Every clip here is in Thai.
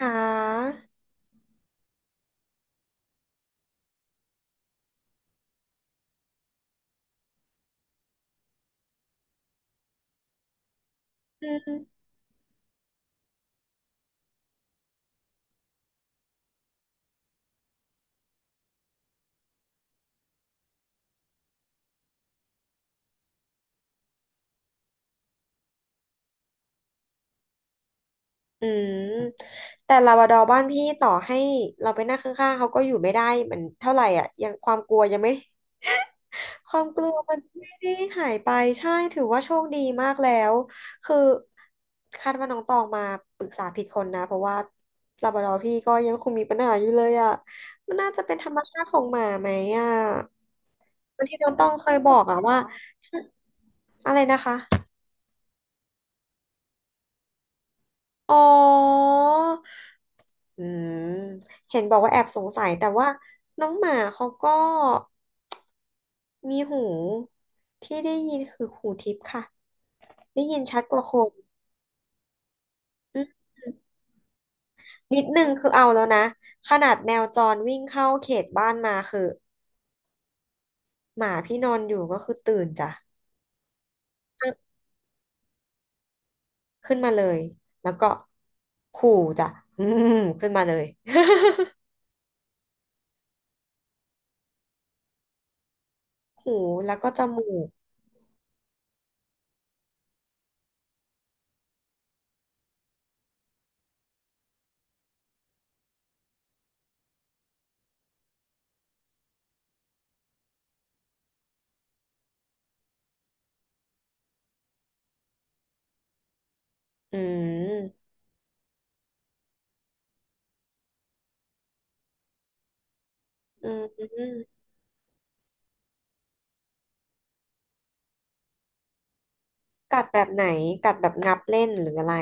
อ่าอืมอืมแต่ลาบราดอร์บ้านพี่ต่อให้เราไปนั่งข้างๆเขาก็อยู่ไม่ได้มันเท่าไหร่อ่ะยังความกลัวยังไม่ ความกลัวมันไม่ได้หายไปใช่ถือว่าโชคดีมากแล้วคือคาดว่าน้องตองมาปรึกษาผิดคนนะเพราะว่าลาบราดอร์พี่ก็ยังคงมีปัญหาอยู่เลยอ่ะมันน่าจะเป็นธรรมชาติของหมาไหมอ่ะบางทีน้องตองเคยบอกอ่ะว่าอะไรนะคะ อ๋ออืมเห็นบอกว่าแอบสงสัยแต่ว่าน้องหมาเขาก็มีหูที่ได้ยินคือหูทิพย์ค่ะได้ยินชัดกว่าคนอืมนิดนึงคือเอาแล้วนะขนาดแมวจรวิ่งเข้าเขตบ้านมาคือหมาพี่นอนอยู่ก็คือตื่นจ้ะขึ้นมาเลยแล้วก็ขู่จ้ะอืมขึ้นมาเลยหูแล้วก็จมูกอืมอืม กัดแบบไหนกัดแบบงับเล่นหรืออะไร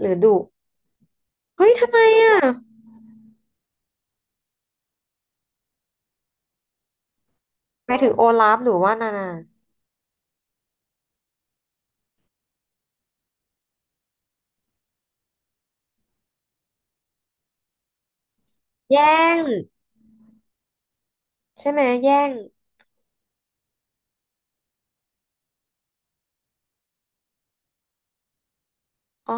หรือดุเฮ้ยทำไมอ่ะหมายถึงโอลาฟหรือว่านานาแย่งใช่ไหมแย่งอ๋อ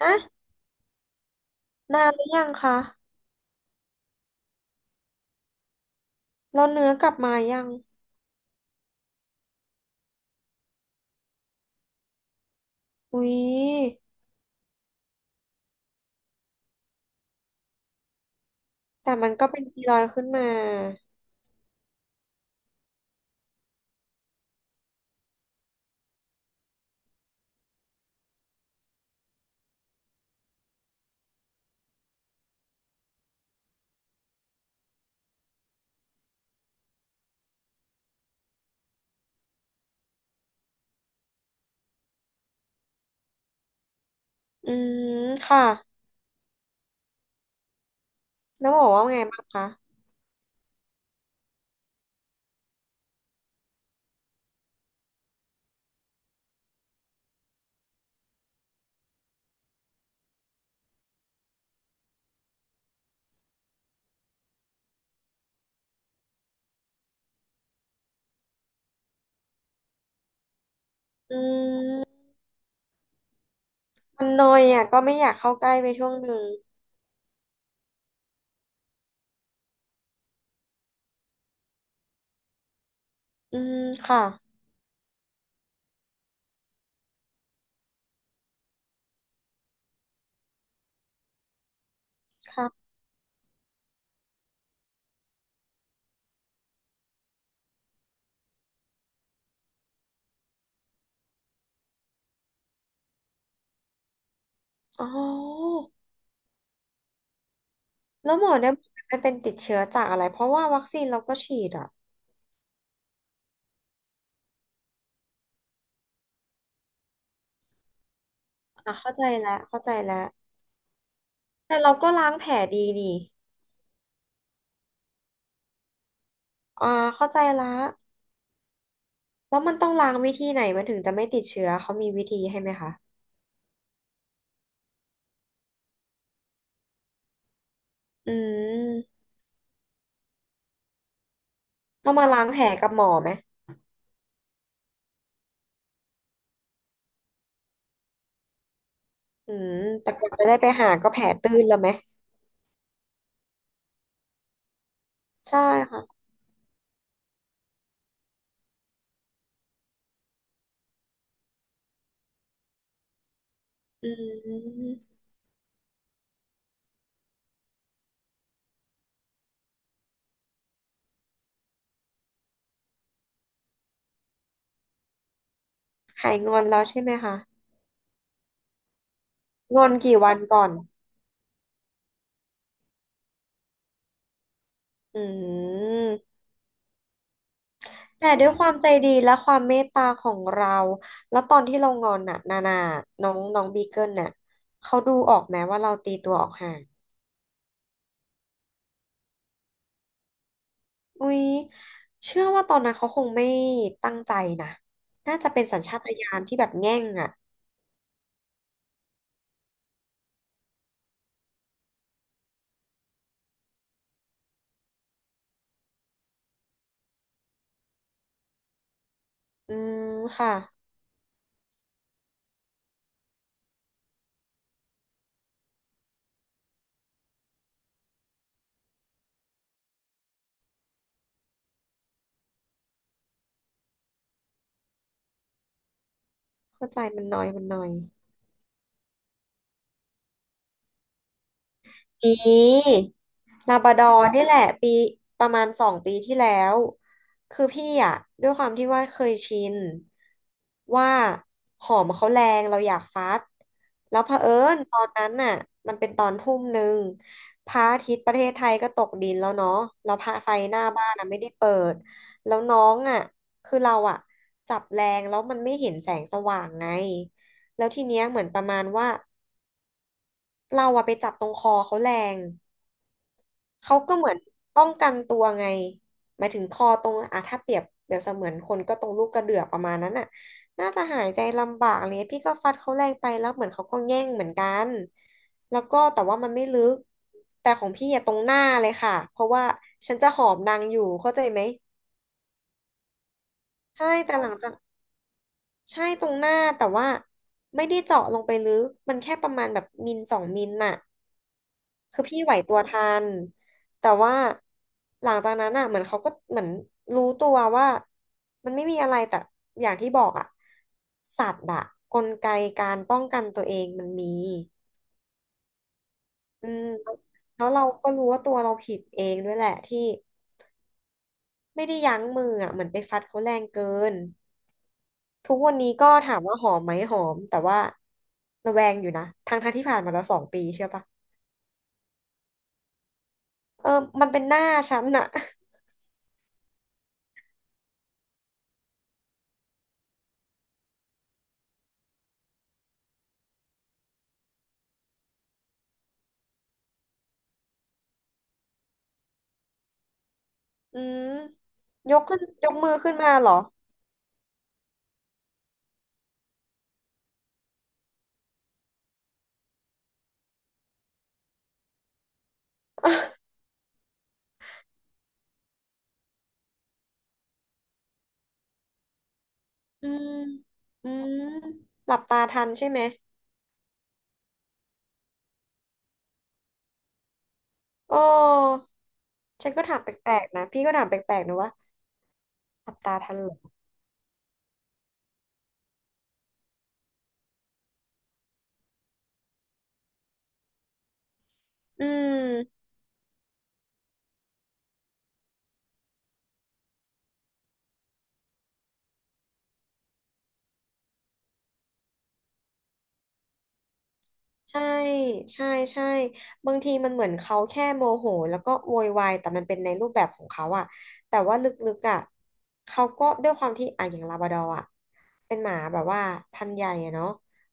อะนานหรือยังคะแล้วเนื้อกลับมายังอุ๊ยแต่มันก็เป็นกีรอยด์ขึ้นมาอืมค่ะแล้วบอกว่าไงบ้างคะอืมมันนอยอ่ะก็ไม่อยากเข้าใกล้ไปช่วงหนึ่งอืมค่ะค่ะอ๋อ แล้วหมอเนี่ยมันเป็นติดเชื้อจากอะไรเพราะว่าวัคซีนเราก็ฉีดอ่ะอ่ะเข้าใจแล้วเข้าใจแล้วแต่เราก็ล้างแผลดีนี่อ่าเข้าใจละแล้วมันต้องล้างวิธีไหนมันถึงจะไม่ติดเชื้อเขามีวิธีให้ไหมคะอืมต้องมาล้างแผลกับหมอไหมอืมแต่กว่าจะได้ไปหาก็แผลตื้นแล้วไหมใช่ค่ะอืมหายงอนแล้วใช่ไหมคะงอนกี่วันก่อนอืม แต่ด้วยความใจดีและความเมตตาของเรา แล้วตอนที่เรางอนน่ะนานาน้องน้องบีเกิลน่ะเขาดูออกไหมว่าเราตีตัวออกห่างอุ้ยเชื่อว่าตอนนั้นเขาคงไม่ตั้งใจนะน่าจะเป็นสัญชาตญาณที่แบบแง่งอ่ะอืมค่ะเข้าใจมันน้อยมันน้อย มีลาบราดอร์นี่แหละปีประมาณ2 ปีที่แล้วคือพี่อ่ะด้วยความที่ว่าเคยชินว่าหอมเขาแรงเราอยากฟัดแล้วเผอิญตอนนั้นน่ะมันเป็นตอนทุ่มหนึ่งพระอาทิตย์ประเทศไทยก็ตกดินแล้วเนาะแล้วพระไฟหน้าบ้านอ่ะไม่ได้เปิดแล้วน้องอ่ะคือเราอ่ะจับแรงแล้วมันไม่เห็นแสงสว่างไงแล้วทีเนี้ยเหมือนประมาณว่าเราอะไปจับตรงคอเขาแรง เขาก็เหมือนป้องกันตัวไงหมายถึงคอตรงอ่ะถ้าเปรียบเปรียบเสมือนคนก็ตรงลูกกระเดือกประมาณนั้นน่ะน่าจะหายใจลำบากอะไรเลยพี่ก็ฟัดเขาแรงไปแล้วเหมือนเขาก็แย่งเหมือนกันแล้วก็แต่ว่ามันไม่ลึกแต่ของพี่อะตรงหน้าเลยค่ะเพราะว่าฉันจะหอมนางอยู่เข้าใจไหมใช่แต่หลังจากใช่ตรงหน้าแต่ว่าไม่ได้เจาะลงไปลึกมันแค่ประมาณแบบมิล2 มิลน่ะ คือพี่ไหวตัวทันแต่ว่าหลังจากนั้นอ่ะเหมือนเขาก็เหมือนรู้ตัวว่ามันไม่มีอะไรแต่อย่างที่บอกอ่ะสัตว์อ่ะกลไกการป้องกันตัวเองมันมีอืมแล้วเราก็รู้ว่าตัวเราผิดเองด้วยแหละที่ไม่ได้ยั้งมืออ่ะเหมือนไปฟัดเขาแรงเกินทุกวันนี้ก็ถามว่าหอมไหมหอมแต่ว่าระแวงอยู่นะทั้งที่ผ่านมาแล้วสองปีเชื่อปะเออมันเป็นหน้าฉันน่ะ อืมยกมือขึ้นมาเหรออืมอืมหลับตาทันใช่ไหมโอ้ฉันก็ถามแปลกๆนะพี่ก็ถามแปลกๆนะว่าหลับตาทันเหรออืมใช่ใช่ใช่บางทีมันเหมือนเขาแค่โมโหแล้วก็โวยวายแต่มันเป็นในรูปแบบของเขาอะแต่ว่าลึกๆอะเขาก็ด้วยความที่อะอย่างลาบราดอร์อะเป็นหมาแบบว่าพันธุ์ใหญ่อะเนาะ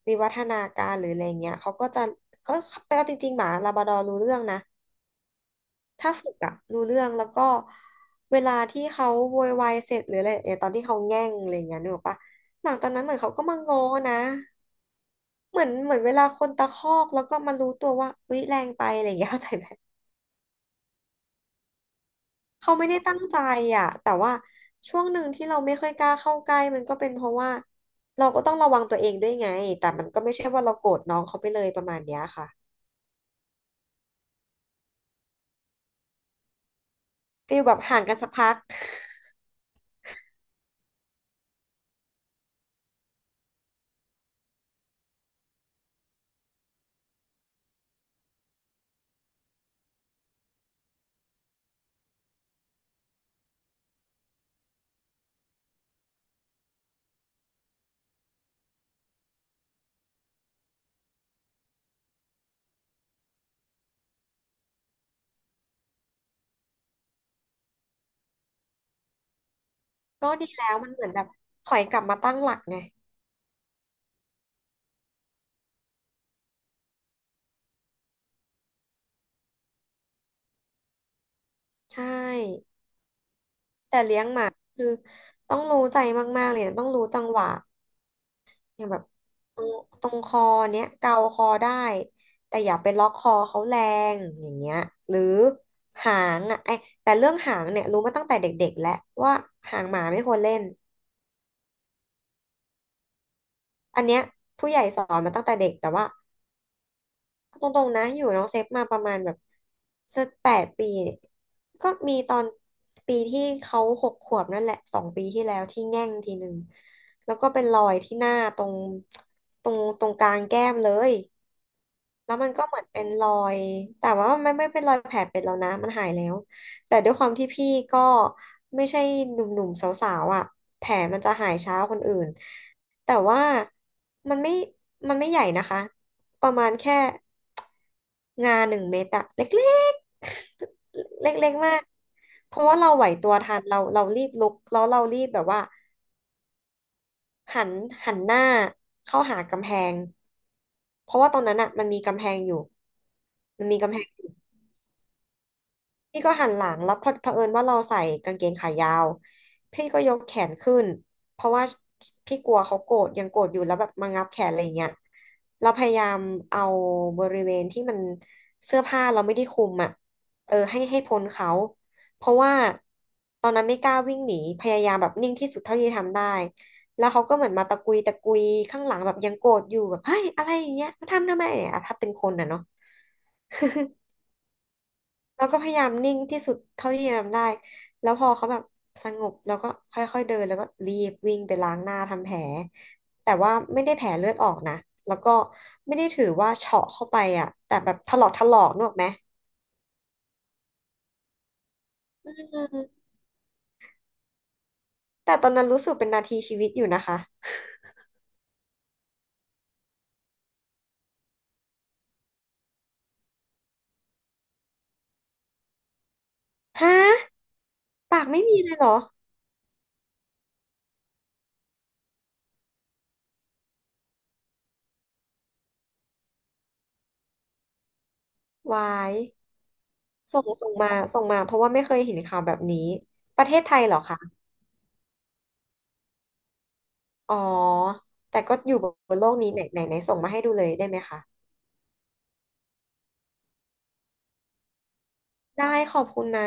วิวัฒนาการหรืออะไรเงี้ยเขาก็เอาจริงๆหมาลาบราดอร์รู้เรื่องนะ ถ้าฝึกอะรู้เรื่องแล้วก็เวลาที่เขาโวยวายเสร็จหรืออะไรเนี่ยตอนที่เขาแง่งอะไรอย่างเงี้ยนึกออกปะหลังจากนั้นเหมือนเขาก็มาง้อนะเหมือนเหมือนเวลาคนตะคอกแล้วก็มารู้ตัวว่าอุ๊ยแรงไปอะไรอย่างเงี้ย เข้าใจไหมเขาไม่ได้ตั้งใจอะแต่ว่าช่วงหนึ่งที่เราไม่ค่อยกล้าเข้าใกล้มันก็เป็นเพราะว่าเราก็ต้องระวังตัวเองด้วยไงแต่มันก็ไม่ใช่ว่าเราโกรธน้องเขาไปเลยประมาณเนี้ยค่ะกีอยแบบห่างกันสักพัก ก็ดีแล้วมันเหมือนแบบถอยกลับมาตั้งหลักไงใช่ แต่เลี้ยงหมาคือต้องรู้ใจมากๆเลยนะต้องรู้จังหวะอย่างแบบตรงตรงคอเนี้ยเกาคอได้แต่อย่าไปล็อกคอเขาแรงอย่างเงี้ยหรือหางอ่ะไอแต่เรื่องหางเนี่ยรู้มาตั้งแต่เด็กๆแล้วว่าหางหมาไม่ควรเล่นอันเนี้ยผู้ใหญ่สอนมาตั้งแต่เด็กแต่ว่า เอาตรงๆนะอยู่น้องเซฟมาประมาณแบบสัก8 ปีก็มีตอนปีที่เขา6 ขวบนั่นแหละ2 ปีที่แล้วที่แง่งทีหนึ่งแล้วก็เป็นรอยที่หน้าตรงกลางแก้มเลย แล้วมันก็เหมือนเป็นรอยแต่ว่ามันไม่เป็นรอยแผลเป็นแล้วนะมันหายแล้วแต่ด้วยความที่พี่ก็ไม่ใช่หนุ่มๆสาวๆอ่ะแผลมันจะหายช้าคนอื่นแต่ว่ามันไม่มันไม่ใหญ่นะคะประมาณแค่งา1 เมตรอะเล็กๆ เล็กๆมากเพราะว่าเราไหวตัวทันเรารีบลุกแล้วเรารีบแบบว่า หันหันหน้าเข้าหากำแพงเพราะว่าตอนนั้นอ่ะมันมีกำแพงอยู่มันมีกำแพง พี่ก็หันหลังแล้วพอเผอิญว่าเราใส่กางเกงขายาวพี่ก็ยกแขนขึ้นเพราะว่าพี่กลัวเขาโกรธยังโกรธอยู่แล้วแบบมางับแขนอะไรอย่างเงี้ยเราพยายามเอาบริเวณที่มันเสื้อผ้าเราไม่ได้คลุมอ่ะเออให้พ้นเขาเพราะว่าตอนนั้นไม่กล้าวิ่งหนีพยายามแบบนิ่งที่สุดเท่าที่ทำได้แล้วเขาก็เหมือนมาตะกุยตะกุยข้างหลังแบบยังโกรธอยู่แบบเฮ้ยอะไรอย่างเงี้ยมาทำไมอ่ะถ้าเป็นคนอ่ะเนาะ แล้วก็พยายามนิ่งที่สุดเท่าที่จะทำได้แล้วพอเขาแบบสงบแล้วก็ค่อยๆเดินแล้วก็รีบวิ่งไปล้างหน้าทำแผลแต่ว่าไม่ได้แผลเลือดออกนะแล้วก็ไม่ได้ถือว่าเฉาะเข้าไปอ่ะแต่แบบถลอกถลอกนึกออกไหมอืมแต่ตอนนั้นรู้สึกเป็นนาทีชีวิตอยู่นะคะฮะปากไม่มีเลยเหรอวายส่งมาส่งมาเพราะว่าไม่เคยเห็นข่าวแบบนี้ ประเทศไทยเหรอคะอ๋อแต่ก็อยู่บนโลกนี้ไหนไหนไหนส่งมาให้ดูเลยได้ไหมคะ ได้ขอบคุณนะ